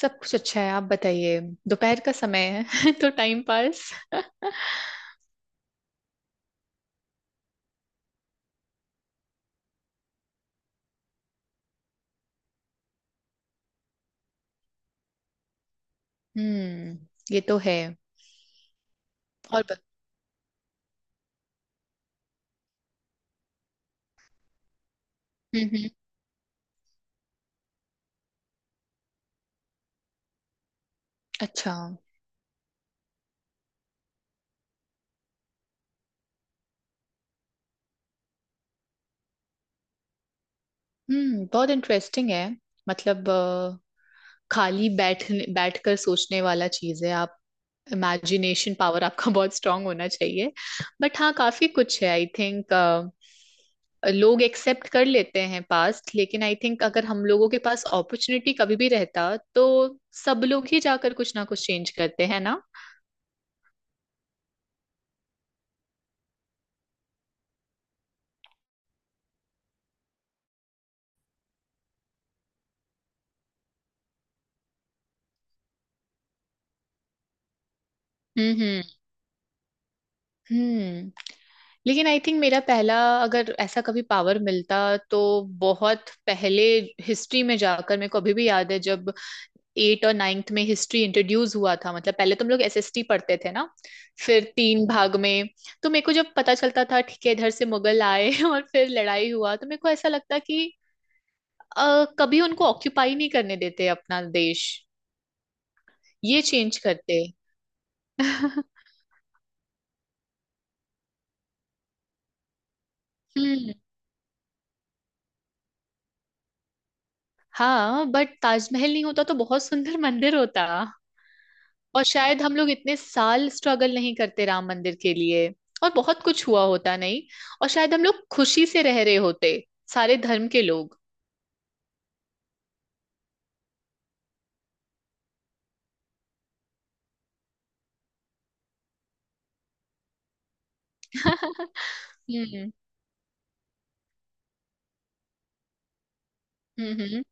सब कुछ अच्छा है। आप बताइए। दोपहर का समय है। तो टाइम पास। हम्म, ये तो है। और हम्म हम्म, अच्छा। हम्म, बहुत इंटरेस्टिंग है। मतलब खाली बैठने बैठकर सोचने वाला चीज है आप। इमेजिनेशन पावर आपका बहुत स्ट्रांग होना चाहिए। बट हाँ, काफी कुछ है आई थिंक। लोग एक्सेप्ट कर लेते हैं पास्ट, लेकिन आई थिंक अगर हम लोगों के पास अपॉर्चुनिटी कभी भी रहता तो सब लोग ही जाकर कुछ ना कुछ चेंज करते हैं ना। हम्म हम्म। लेकिन आई थिंक मेरा पहला, अगर ऐसा कभी पावर मिलता तो बहुत पहले हिस्ट्री में जाकर। मेरे को अभी भी याद है जब एट और नाइन्थ में हिस्ट्री इंट्रोड्यूस हुआ था, मतलब पहले तो हम लोग एसएसटी पढ़ते थे ना, फिर तीन भाग में। तो मेरे को जब पता चलता था ठीक है, इधर से मुगल आए और फिर लड़ाई हुआ तो मेरे को ऐसा लगता कि कभी उनको ऑक्यूपाई नहीं करने देते अपना देश, ये चेंज करते। हम्म। हाँ, बट ताजमहल नहीं होता तो बहुत सुंदर मंदिर होता। और शायद हम लोग इतने साल स्ट्रगल नहीं करते राम मंदिर के लिए, और बहुत कुछ हुआ होता नहीं। और शायद हम लोग खुशी से रह रहे होते, सारे धर्म के लोग। हम्म हम्म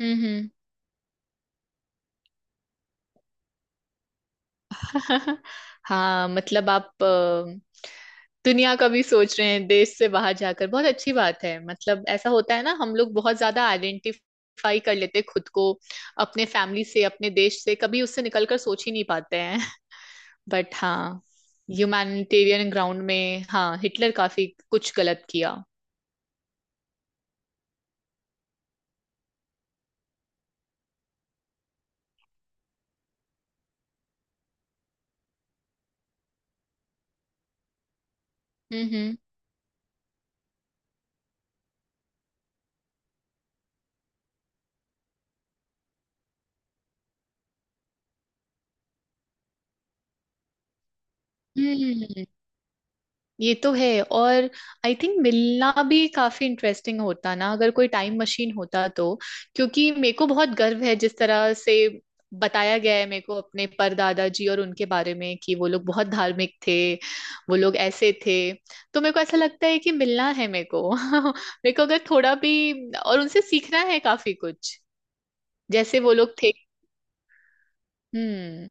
हम्म हम्म। हाँ मतलब आप दुनिया का भी सोच रहे हैं देश से बाहर जाकर, बहुत अच्छी बात है। मतलब ऐसा होता है ना, हम लोग बहुत ज्यादा आइडेंटिफाई कर लेते हैं खुद को अपने फैमिली से अपने देश से, कभी उससे निकलकर सोच ही नहीं पाते। बट हाँ, ह्यूमैनिटेरियन ग्राउंड में हाँ, हिटलर काफी कुछ गलत किया। हम्म हम्म। हम्म, ये तो है। और आई थिंक मिलना भी काफी इंटरेस्टिंग होता ना, अगर कोई टाइम मशीन होता तो। क्योंकि मेरे को बहुत गर्व है जिस तरह से बताया गया है मेरे को अपने परदादा जी और उनके बारे में, कि वो लोग बहुत धार्मिक थे, वो लोग ऐसे थे। तो मेरे को ऐसा लगता है कि मिलना है मेरे को। मेरे को अगर थोड़ा भी और उनसे सीखना है काफी कुछ, जैसे वो लोग थे। हम्म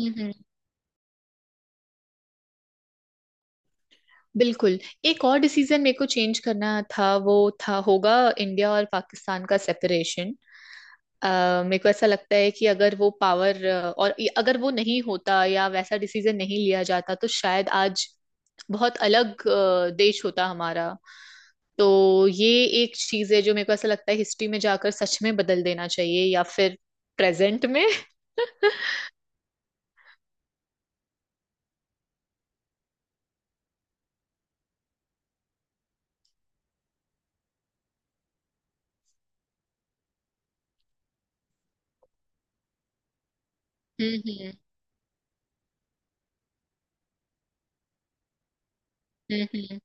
हम्म। बिल्कुल। एक और डिसीजन मेरे को चेंज करना था, वो था होगा इंडिया और पाकिस्तान का सेपरेशन। अ मेरे को ऐसा लगता है कि अगर वो पावर और अगर वो नहीं होता या वैसा डिसीजन नहीं लिया जाता तो शायद आज बहुत अलग देश होता हमारा। तो ये एक चीज है जो मेरे को ऐसा लगता है हिस्ट्री में जाकर सच में बदल देना चाहिए, या फिर प्रेजेंट में। हम्म हम्म हम्म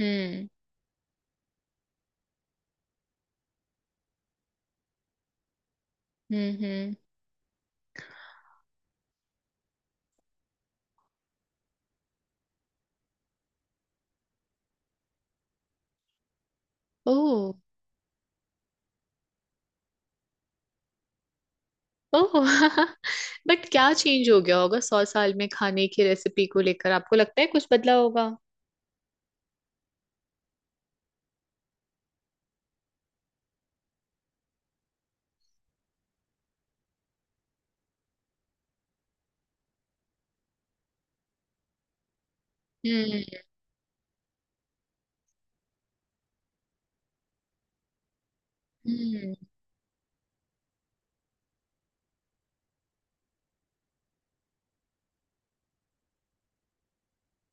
हम्म हम्म। ओह। ओह। बट क्या चेंज हो गया होगा सौ साल में खाने की रेसिपी को लेकर, आपको लगता है कुछ बदला होगा? हम्म हम्म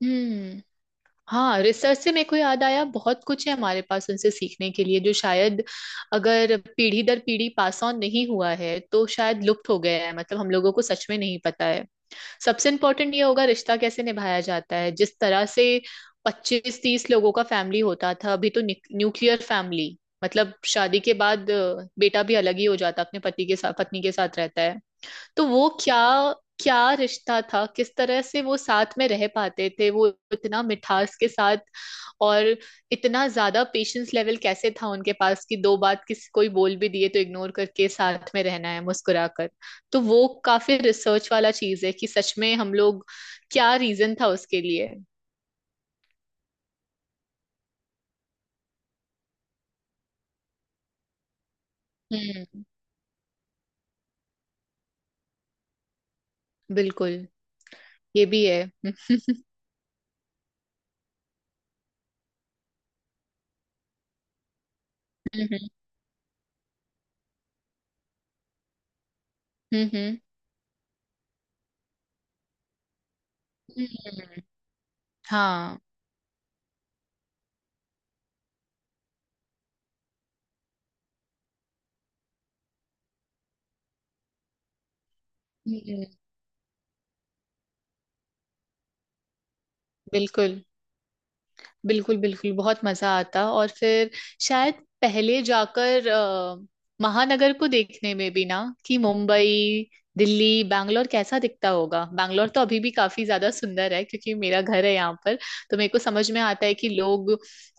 हम्म। हाँ, रिसर्च से मेरे को याद आया, बहुत कुछ है हमारे पास उनसे सीखने के लिए जो शायद अगर पीढ़ी दर पीढ़ी पास ऑन नहीं हुआ है तो शायद लुप्त हो गया है, मतलब हम लोगों को सच में नहीं पता है। सबसे इम्पोर्टेंट ये होगा रिश्ता कैसे निभाया जाता है। जिस तरह से पच्चीस तीस लोगों का फैमिली होता था, अभी तो न्यूक्लियर फैमिली। मतलब शादी के बाद बेटा भी अलग ही हो जाता है, अपने पति के साथ पत्नी के साथ रहता है। तो वो क्या, क्या रिश्ता था किस तरह से वो साथ में रह पाते थे वो, इतना मिठास के साथ, और इतना ज्यादा पेशेंस लेवल कैसे था उनके पास कि दो बात किसी कोई बोल भी दिए तो इग्नोर करके साथ में रहना है मुस्कुराकर। तो वो काफी रिसर्च वाला चीज है कि सच में हम लोग, क्या रीजन था उसके लिए। हम्म। बिल्कुल, ये भी है। हम्म हम्म हम्म, हम्म, हाँ। हम्म, बिल्कुल बिल्कुल। बिल्कुल, बहुत मजा आता। और फिर शायद पहले जाकर महानगर को देखने में भी ना, कि मुंबई, दिल्ली, बैंगलोर कैसा दिखता होगा। बैंगलोर तो अभी भी काफी ज्यादा सुंदर है क्योंकि मेरा घर है यहाँ पर, तो मेरे को समझ में आता है कि लोग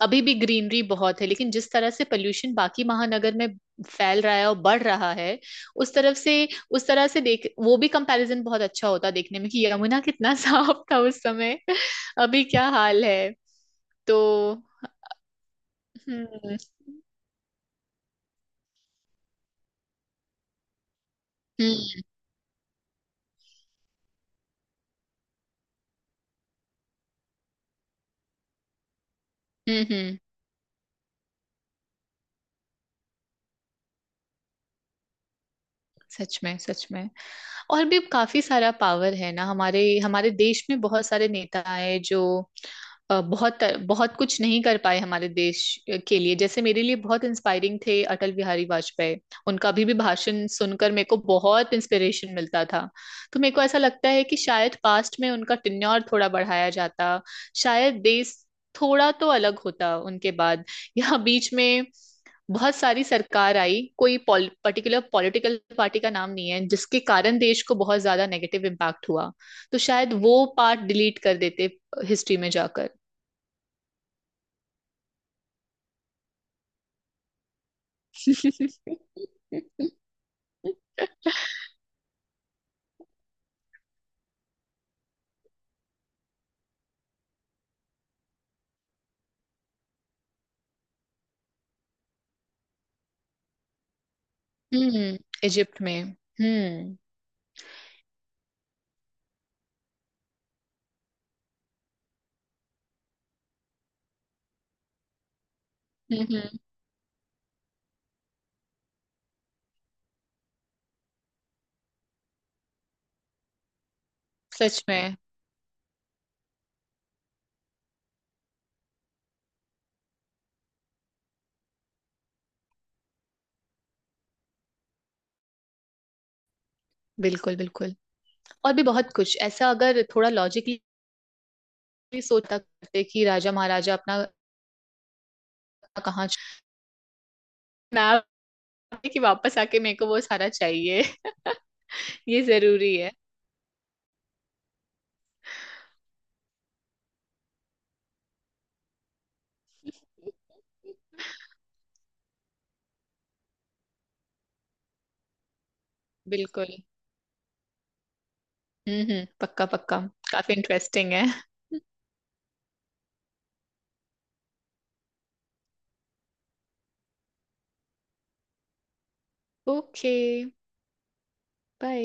अभी भी ग्रीनरी बहुत है। लेकिन जिस तरह से पोल्यूशन बाकी महानगर में फैल रहा है और बढ़ रहा है, उस तरफ से उस तरह से देख, वो भी कंपैरिजन बहुत अच्छा होता देखने में, कि यमुना कितना साफ था उस समय, अभी क्या हाल है। तो हम्म हम्म हम्म हम्म, सच में सच में। और भी काफी सारा पावर है ना। हमारे हमारे देश में बहुत सारे नेता आए जो बहुत, बहुत कुछ नहीं कर पाए हमारे देश के लिए। जैसे मेरे लिए बहुत इंस्पायरिंग थे अटल बिहारी वाजपेयी, उनका अभी भी भाषण सुनकर मेरे को बहुत इंस्पिरेशन मिलता था। तो मेरे को ऐसा लगता है कि शायद पास्ट में उनका टिन्योर थोड़ा बढ़ाया जाता, शायद देश थोड़ा तो अलग होता उनके बाद। या बीच में बहुत सारी सरकार आई, कोई पर्टिकुलर पॉलिटिकल पार्टी का नाम नहीं है जिसके कारण देश को बहुत ज्यादा नेगेटिव इम्पैक्ट हुआ, तो शायद वो पार्ट डिलीट कर देते हिस्ट्री में जाकर। हम्म। इजिप्ट में। हम्म। सच में। बिल्कुल बिल्कुल। और भी बहुत कुछ ऐसा अगर थोड़ा लॉजिकली सोचा करते, कि राजा महाराजा अपना कहाँ मैं आपकी, कि वापस आके मेरे को वो सारा चाहिए। ये जरूरी है। बिल्कुल। हम्म, पक्का पक्का। काफी इंटरेस्टिंग है। ओके। बाय।